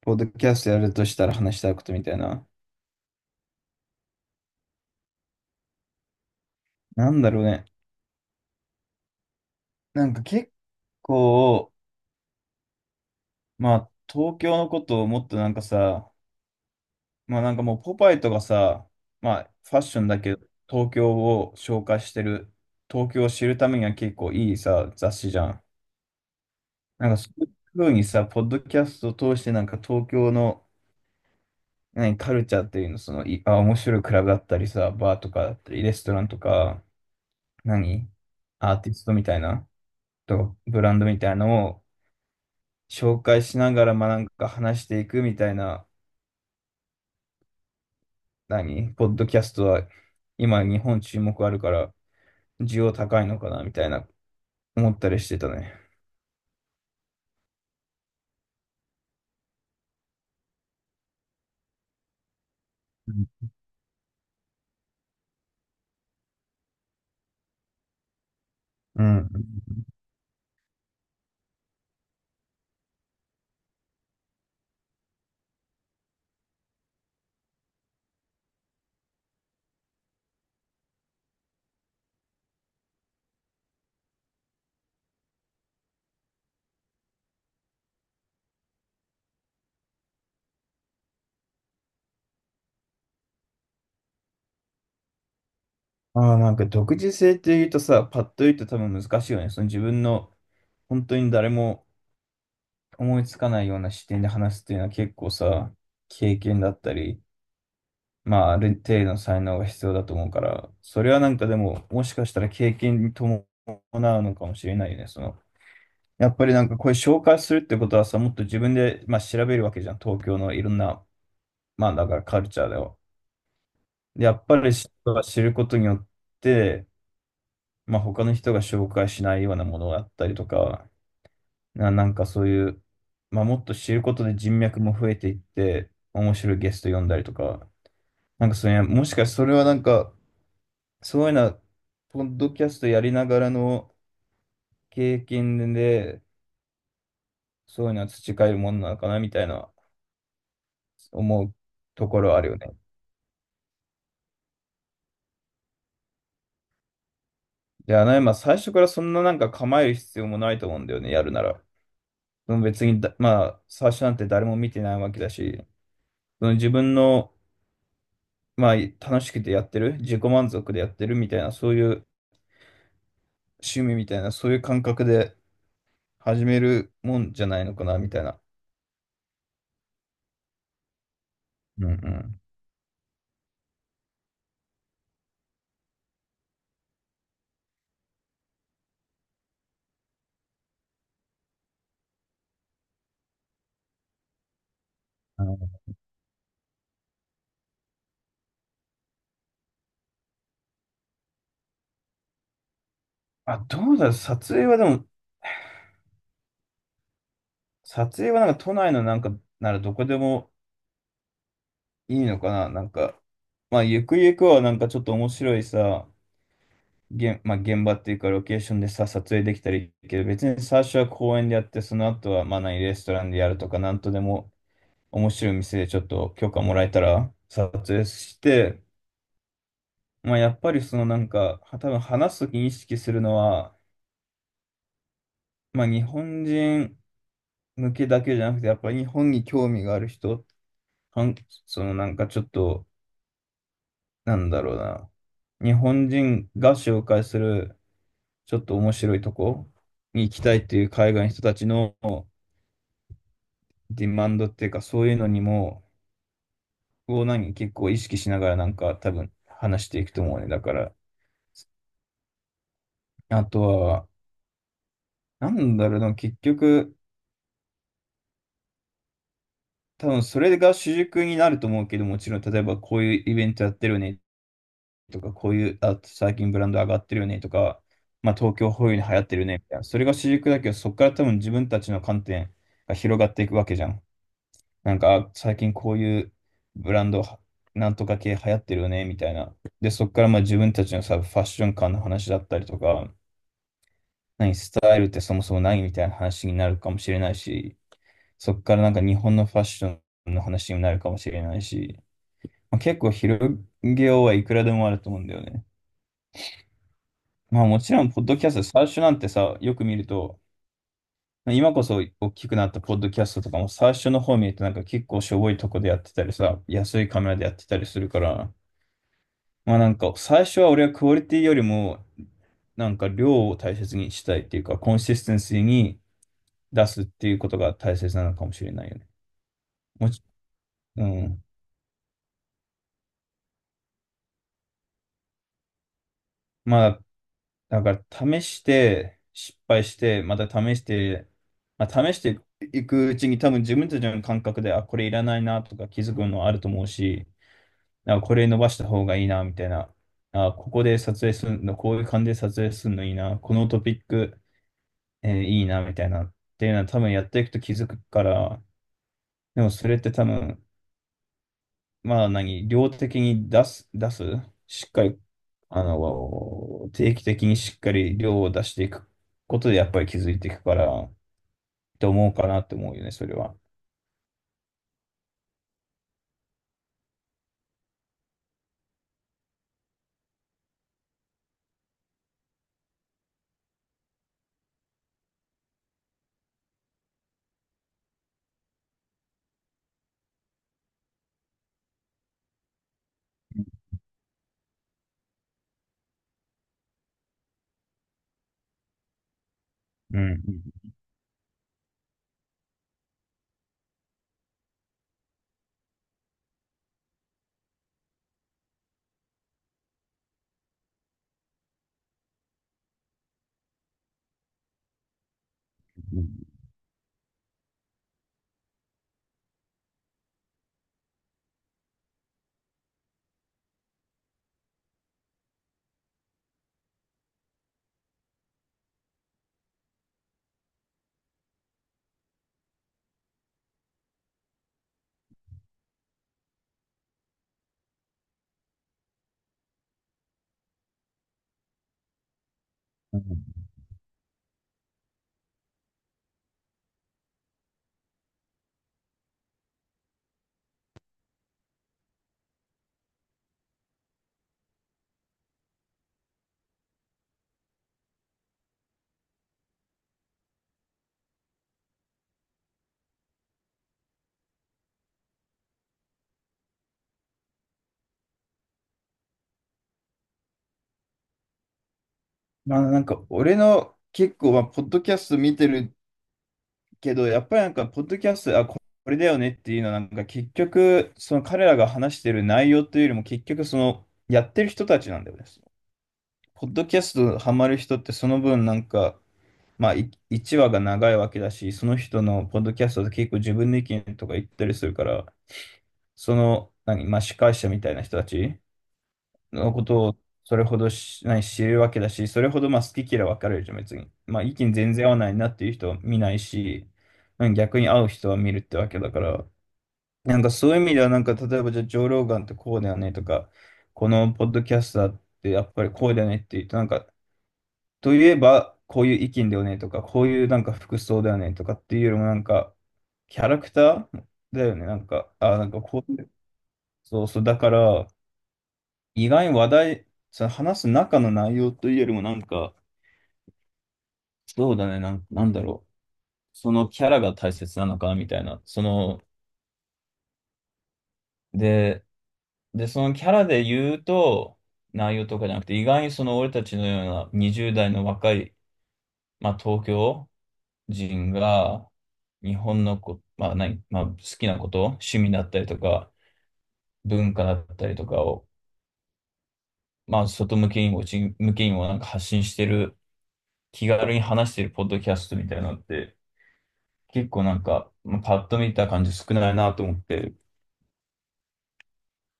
ポッドキャストやるとしたら話したいことみたいな。なんだろうね。なんか結構、まあ、東京のことをもっとなんかさ、まあなんかもうポパイとかさ、まあファッションだけど、東京を紹介してる、東京を知るためには結構いいさ、雑誌じゃん。なんかそういう風にさ、ポッドキャストを通してなんか東京の、カルチャーっていうの、その、面白いクラブだったりさ、バーとかだったり、レストランとか、何、アーティストみたいな、とブランドみたいなのを、紹介しながら、まあなんか話していくみたいな、ポッドキャストは今日本注目あるから需要高いのかなみたいな思ったりしてたね。うん。うん、ああ、なんか独自性って言うとさ、パッと言うと多分難しいよね。その自分の本当に誰も思いつかないような視点で話すっていうのは結構さ、経験だったり、まあある程度の才能が必要だと思うから、それはなんかでももしかしたら経験に伴うのかもしれないよね。そのやっぱりなんかこれ紹介するってことはさ、もっと自分で、まあ、調べるわけじゃん。東京のいろんな、まあだからカルチャーだよ。で、やっぱり知人が知ることによって、まあ他の人が紹介しないようなものだったりとか、なんかそういう、まあもっと知ることで人脈も増えていって、面白いゲスト呼んだりとか、なんかそれ、もしかしてそれはなんか、そういうな、ポッドキャストやりながらの経験で、そういうのは培えるものなのかなみたいな思うところはあるよね。いや、ね、まあ、最初からそんななんか構える必要もないと思うんだよね、やるなら。うん、別に、まあ、最初なんて誰も見てないわけだし、その自分の、まあ、楽しくてやってる、自己満足でやってるみたいな、そういう趣味みたいな、そういう感覚で始めるもんじゃないのかな、みたいな。うんうん。あの、あ、どうだろう、撮影はでも、撮影はなんか都内のなんか、ならどこでもいいのかな、なんか、まあ、ゆくゆくはなんかちょっと面白いさ、まあ、現場っていうかロケーションでさ、撮影できたらいいけど、別に最初は公園でやって、その後はまあレストランでやるとか、なんとでも面白い店でちょっと許可もらえたら撮影して、まあやっぱりそのなんか、は多分話すときに意識するのは、まあ日本人向けだけじゃなくて、やっぱり日本に興味がある人、はんそのなんかちょっと、なんだろうな、日本人が紹介するちょっと面白いとこに行きたいっていう海外の人たちの、ディマンドっていうか、そういうのにも、結構意識しながらなんか多分話していくと思うね。だから、あとは、なんだろうな、結局、多分それが主軸になると思うけど、もちろん、例えばこういうイベントやってるよねとか、こういう、あ、最近ブランド上がってるよねとか、まあ東京ホイールに流行ってるよねみたいな、それが主軸だけど、そこから多分自分たちの観点が広がっていくわけじゃん。なんか、あ最近こういうブランドなんとか系流行ってるよね、みたいな。で、そこからまあ自分たちのさ、ファッション感の話だったりとか、スタイルってそもそも何みたいな話になるかもしれないし、そこからなんか日本のファッションの話になるかもしれないし、まあ、結構広げようはいくらでもあると思うんだよね。まあもちろん、ポッドキャスト、最初なんてさ、よく見ると、今こそ大きくなったポッドキャストとかも最初の方見るとなんか結構しょぼいとこでやってたりさ、安いカメラでやってたりするから、まあなんか最初は俺はクオリティよりもなんか量を大切にしたいっていうかコンシステンシーに出すっていうことが大切なのかもしれないよね。もち、うん。まあだから試して失敗してまた試して、まあ、試していくうちに多分自分たちの感覚で、あこれいらないなとか気づくのあると思うし、なんかこれ伸ばした方がいいなみたいな、あここで撮影するのこういう感じで撮影するのいいな、このトピックえーいいな、みたいな、っていうのは多分やっていくと気づくから、でもそれって多分、まあ何、量的に出す、しっかり、定期的にしっかり量を出していくことでやっぱり気づいていくから、って思うかなって思うよね、それは。うん。うんうんうん。うん、まあなんか俺の結構まあポッドキャスト見てるけど、やっぱりなんか、ポッドキャスト、これだよねっていうのは、なんか結局、その彼らが話してる内容というよりも、結局、その、やってる人たちなんだよね。ポッドキャストハマる人って、その分、なんか、まあ、1話が長いわけだし、その人のポッドキャストで結構自分の意見とか言ったりするから、その、まあ、司会者みたいな人たちのことをそれほどし、ない知るわけだし、それほどまあ好き嫌い分かれるじゃん、別に。まあ意見全然合わないなっていう人は見ないし、うん、逆に合う人は見るってわけだから、なんかそういう意味では、なんか例えばじゃあ、ジョー・ローガンってこうだよねとか、このポッドキャスターってやっぱりこうだよねって言うと、なんか、といえばこういう意見だよねとか、こういうなんか服装だよねとかっていうよりもなんか、キャラクターだよね、なんか、あ、なんかこういう、そうそう、だから、意外に話題、その話す中の内容というよりもなんか、そうだね、なんだろう。そのキャラが大切なのか、みたいな。その、で、そのキャラで言うと、内容とかじゃなくて、意外にその俺たちのような20代の若い、まあ東京人が、日本のこ、まあまあ好きなこと、趣味だったりとか、文化だったりとかを、まあ外向けにも内向けにもなんか発信してる、気軽に話してるポッドキャストみたいなのって、結構なんか、まあ、パッと見た感じ少ないなと思って、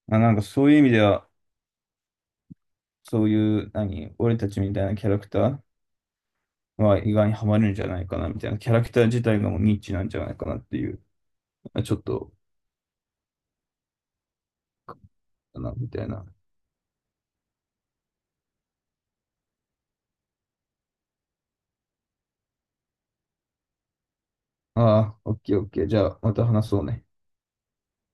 まあ、なんかそういう意味では、そういう、俺たちみたいなキャラクターは意外にハマるんじゃないかなみたいな、キャラクター自体がもうニッチなんじゃないかなっていう、まあちょっと、かなみたいな。ああ、オッケーオッケー。じゃあ、また話そうね。